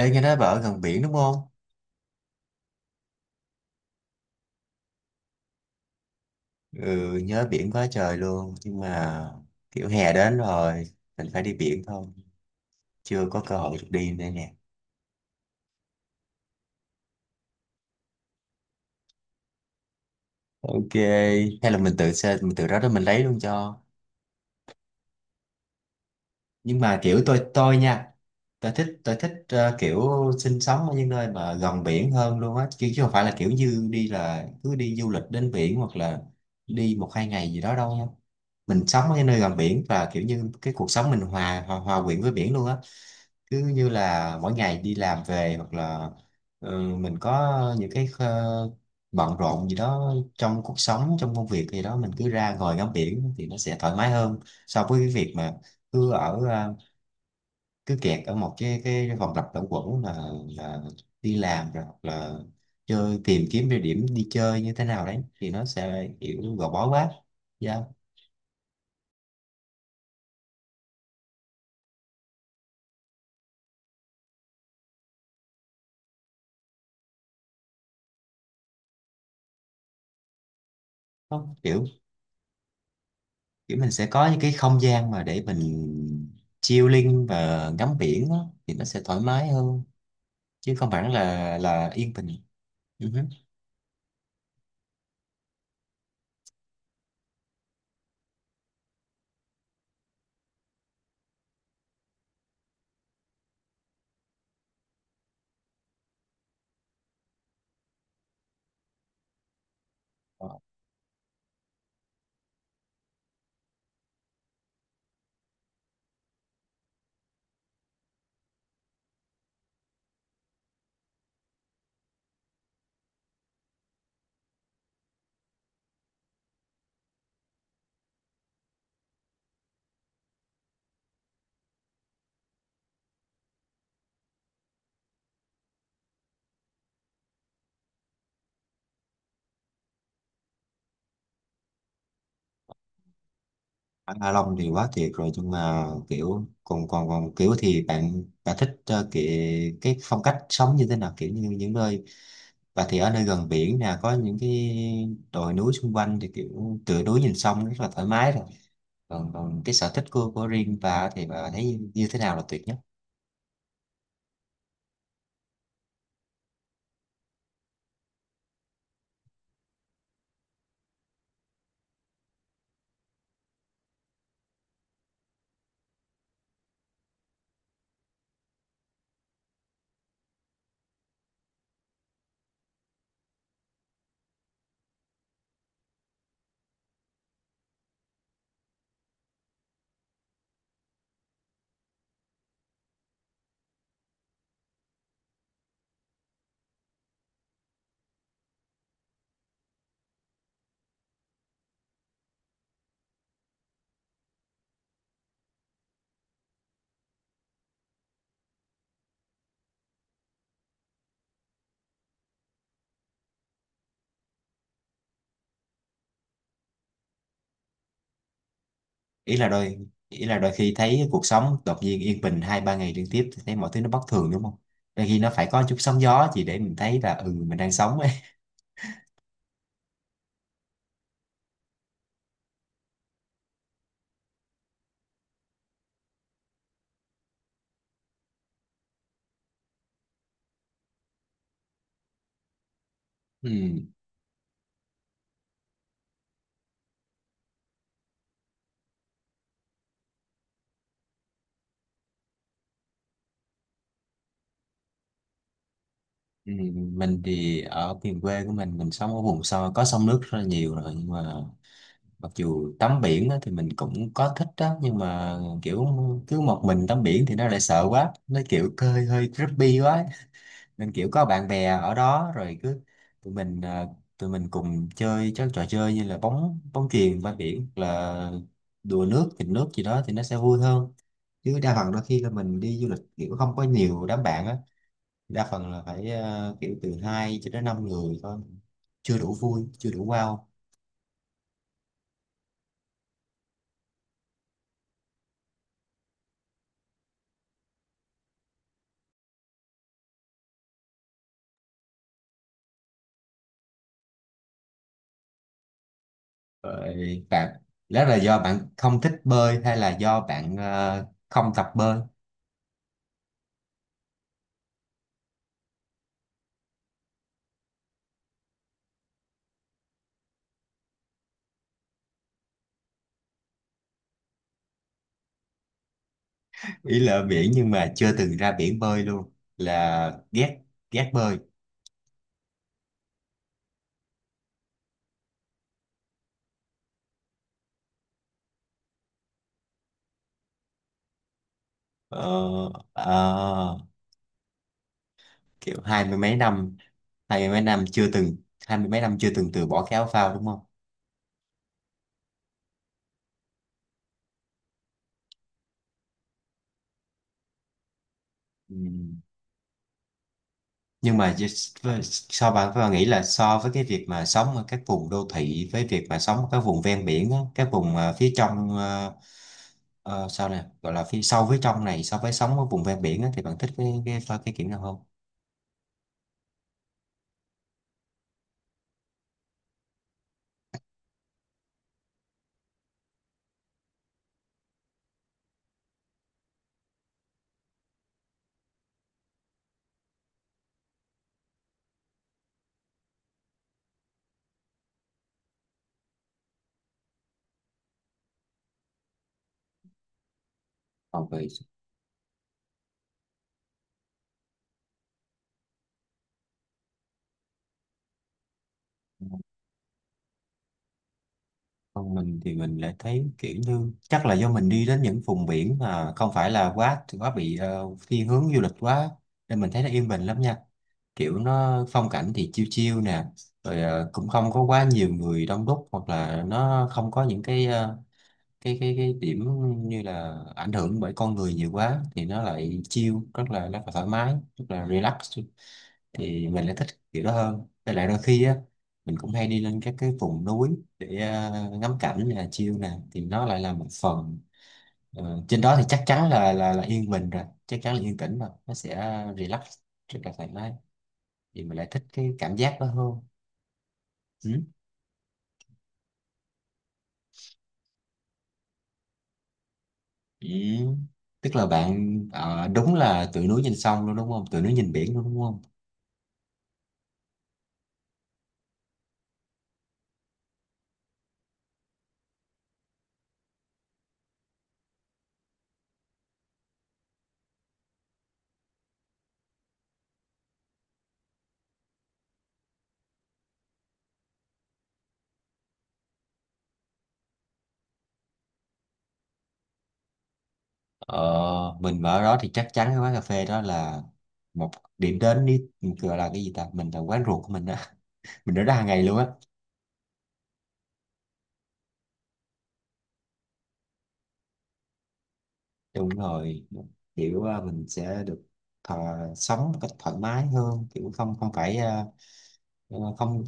Ê, nghe nói bà ở gần biển đúng không? Ừ, nhớ biển quá trời luôn. Nhưng mà kiểu hè đến rồi, mình phải đi biển thôi. Chưa có cơ hội được đi đây nè. Ok, hay là mình tự xe, mình tự đó đó mình lấy luôn cho. Nhưng mà kiểu tôi nha, tôi thích kiểu sinh sống ở những nơi mà gần biển hơn luôn á. Chứ không phải là kiểu như đi là cứ đi du lịch đến biển hoặc là đi một hai ngày gì đó đâu nha. Mình sống ở những nơi gần biển và kiểu như cái cuộc sống mình hòa hòa, hòa quyện với biển luôn á. Cứ như là mỗi ngày đi làm về hoặc là mình có những cái bận rộn gì đó trong cuộc sống trong công việc gì đó mình cứ ra ngồi ngắm biển thì nó sẽ thoải mái hơn so với cái việc mà cứ cứ kẹt ở một cái vòng lặp luẩn quẩn là đi làm rồi hoặc là chơi tìm kiếm địa điểm đi chơi như thế nào đấy thì nó sẽ kiểu gò bó quá. Dạ. Không, kiểu kiểu mình sẽ có những cái không gian mà để mình chilling và ngắm biển á, thì nó sẽ thoải mái hơn chứ không hẳn là yên bình. Ừ hứ. Ờ, anh Hạ Long thì quá tuyệt rồi nhưng mà kiểu còn còn còn kiểu thì bạn bạn thích cái phong cách sống như thế nào kiểu như những nơi và thì ở nơi gần biển nè có những cái đồi núi xung quanh thì kiểu tựa núi nhìn sông rất là thoải mái rồi. Còn còn cái sở thích của riêng bà thì bà thấy như thế nào là tuyệt nhất? ý là đôi Ý là đôi khi thấy cuộc sống đột nhiên yên bình hai ba ngày liên tiếp thì thấy mọi thứ nó bất thường đúng không? Đôi khi nó phải có chút sóng gió chỉ để mình thấy là ừ mình đang sống ấy. Ừ, ừ, mình thì ở miền quê của mình sống ở vùng sâu có sông nước rất là nhiều rồi nhưng mà mặc dù tắm biển á, thì mình cũng có thích đó nhưng mà kiểu cứ một mình tắm biển thì nó lại sợ quá, nó kiểu hơi hơi creepy quá ấy. Nên kiểu có bạn bè ở đó rồi cứ tụi mình ờ, tụi mình cùng chơi các trò chơi như là bóng bóng chuyền bãi biển hoặc là đùa nước nghịch nước gì đó thì nó sẽ vui hơn, chứ đa phần đôi khi là mình đi du lịch kiểu không có nhiều đám bạn á, đa phần là phải kiểu từ hai cho đến năm người thôi, chưa đủ vui chưa đủ wow. Rồi bạn, đó là do bạn không thích bơi hay là do bạn không tập bơi? Ý là ở biển nhưng mà chưa từng ra biển bơi luôn là ghét, ghét bơi? Ờ, ờ, kiểu hai mươi mấy năm, hai mươi mấy năm chưa từng, hai mươi mấy năm chưa từng từ bỏ cái áo phao đúng không? Ừ. Nhưng mà so bạn bạn nghĩ là so với cái việc mà sống ở các vùng đô thị với việc mà sống ở các vùng ven biển á, các vùng phía trong, sao nè gọi là phía sâu phía trong này so với sống ở vùng ven biển á, thì bạn thích cái kiểu nào hơn? Còn về, còn mình thì mình lại thấy kiểu như chắc là do mình đi đến những vùng biển mà không phải là quá quá bị thiên hướng du lịch quá nên mình thấy nó yên bình lắm nha. Kiểu nó phong cảnh thì chiêu chiêu nè, rồi cũng không có quá nhiều người đông đúc hoặc là nó không có những cái cái điểm như là ảnh hưởng bởi con người nhiều quá thì nó lại chiêu rất là thoải mái, rất là relax, thì mình lại thích kiểu đó hơn. Với lại đôi khi á mình cũng hay đi lên các cái vùng núi để ngắm cảnh nè chill nè thì nó lại là một phần. Ờ, trên đó thì chắc chắn là yên bình rồi, chắc chắn là yên tĩnh rồi, nó sẽ relax rất là thoải mái, thì mình lại thích cái cảm giác đó hơn. Ừ. Ừ. Tức là bạn đúng là từ núi nhìn sông luôn đúng không, từ núi nhìn biển luôn đúng không? Ờ, mình ở đó thì chắc chắn cái quán cà phê đó là một điểm đến, đi gọi là cái gì ta, mình là quán ruột của mình đó, mình ở ra hàng ngày luôn á. Đúng rồi, kiểu mình sẽ được thọ, sống một cách thoải mái hơn kiểu không không phải không,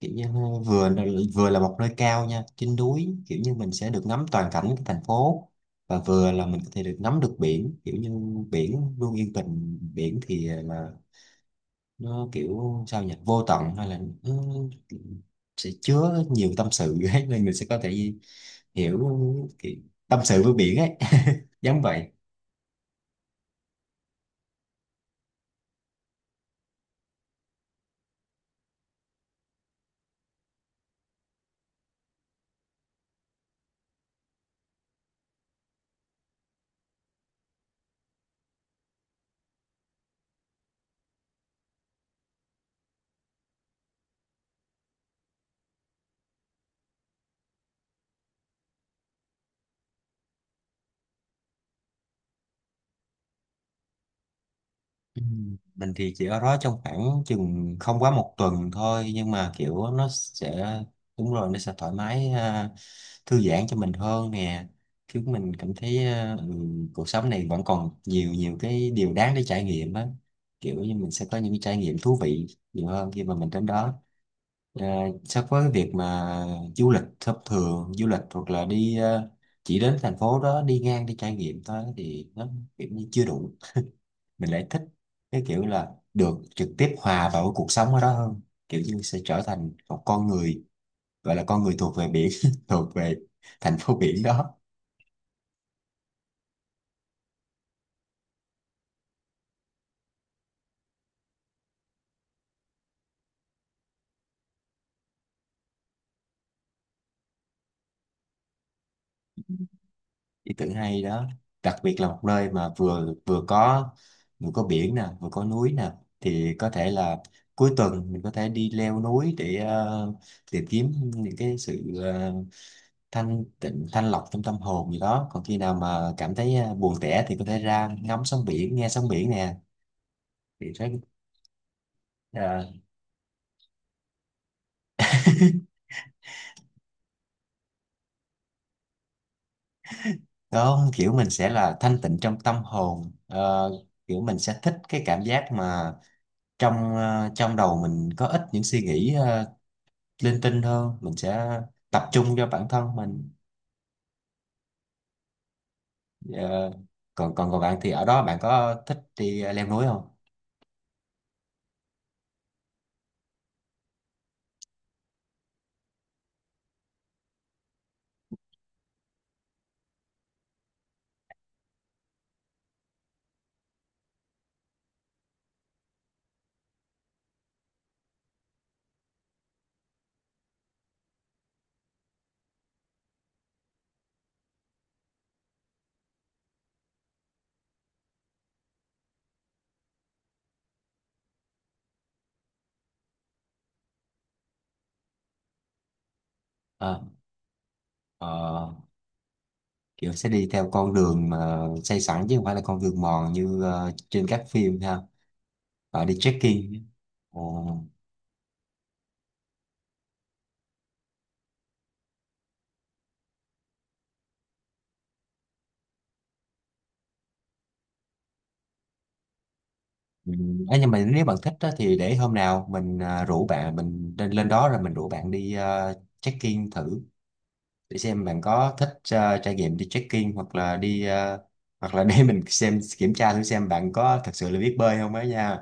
kiểu như vừa vừa là một nơi cao nha trên núi, kiểu như mình sẽ được ngắm toàn cảnh cái thành phố và vừa là mình có thể được ngắm được biển, kiểu như biển luôn yên bình, biển thì là nó kiểu sao nhỉ, vô tận hay là nó sẽ chứa nhiều tâm sự ấy, nên mình sẽ có thể hiểu kiểu tâm sự với biển ấy giống vậy. Ừ. Mình thì chỉ ở đó trong khoảng chừng không quá một tuần thôi nhưng mà kiểu nó sẽ, đúng rồi, nó sẽ thoải mái thư giãn cho mình hơn nè, chứ mình cảm thấy cuộc sống này vẫn còn nhiều nhiều cái điều đáng để trải nghiệm á, kiểu như mình sẽ có những cái trải nghiệm thú vị nhiều hơn khi mà mình đến đó, so với cái việc mà du lịch hoặc là đi chỉ đến thành phố đó đi ngang đi trải nghiệm thôi thì nó kiểu như chưa đủ, mình lại thích cái kiểu là được trực tiếp hòa vào cuộc sống ở đó hơn, kiểu như sẽ trở thành một con người, gọi là con người thuộc về biển thuộc về thành phố biển đó. Ý tưởng hay đó, đặc biệt là một nơi mà vừa vừa có, vừa có biển nè vừa có núi nè, thì có thể là cuối tuần mình có thể đi leo núi để tìm kiếm những cái sự thanh tịnh thanh lọc trong tâm hồn gì đó, còn khi nào mà cảm thấy buồn tẻ thì có thể ra ngắm sóng biển nghe sóng biển nè thì rất. Ờ, có kiểu mình sẽ là thanh tịnh trong tâm hồn. Ờ, kiểu mình sẽ thích cái cảm giác mà trong trong đầu mình có ít những suy nghĩ linh tinh hơn, mình sẽ tập trung cho bản thân mình. Ờ, còn còn còn bạn thì ở đó bạn có thích đi leo núi không? Ờ, ờ, kiểu sẽ đi theo con đường mà xây sẵn chứ không phải là con đường mòn như trên các phim ha. Ờ, đi trekking. Ồ. Ừ, ấy nhưng mà nếu bạn thích á, thì để hôm nào mình rủ bạn mình lên lên đó rồi mình rủ bạn đi check-in thử để xem bạn có thích trải nghiệm đi check-in hoặc là đi hoặc là để mình xem kiểm tra thử xem bạn có thật sự là biết bơi không ấy nha.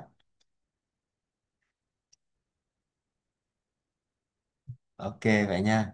Ok vậy nha.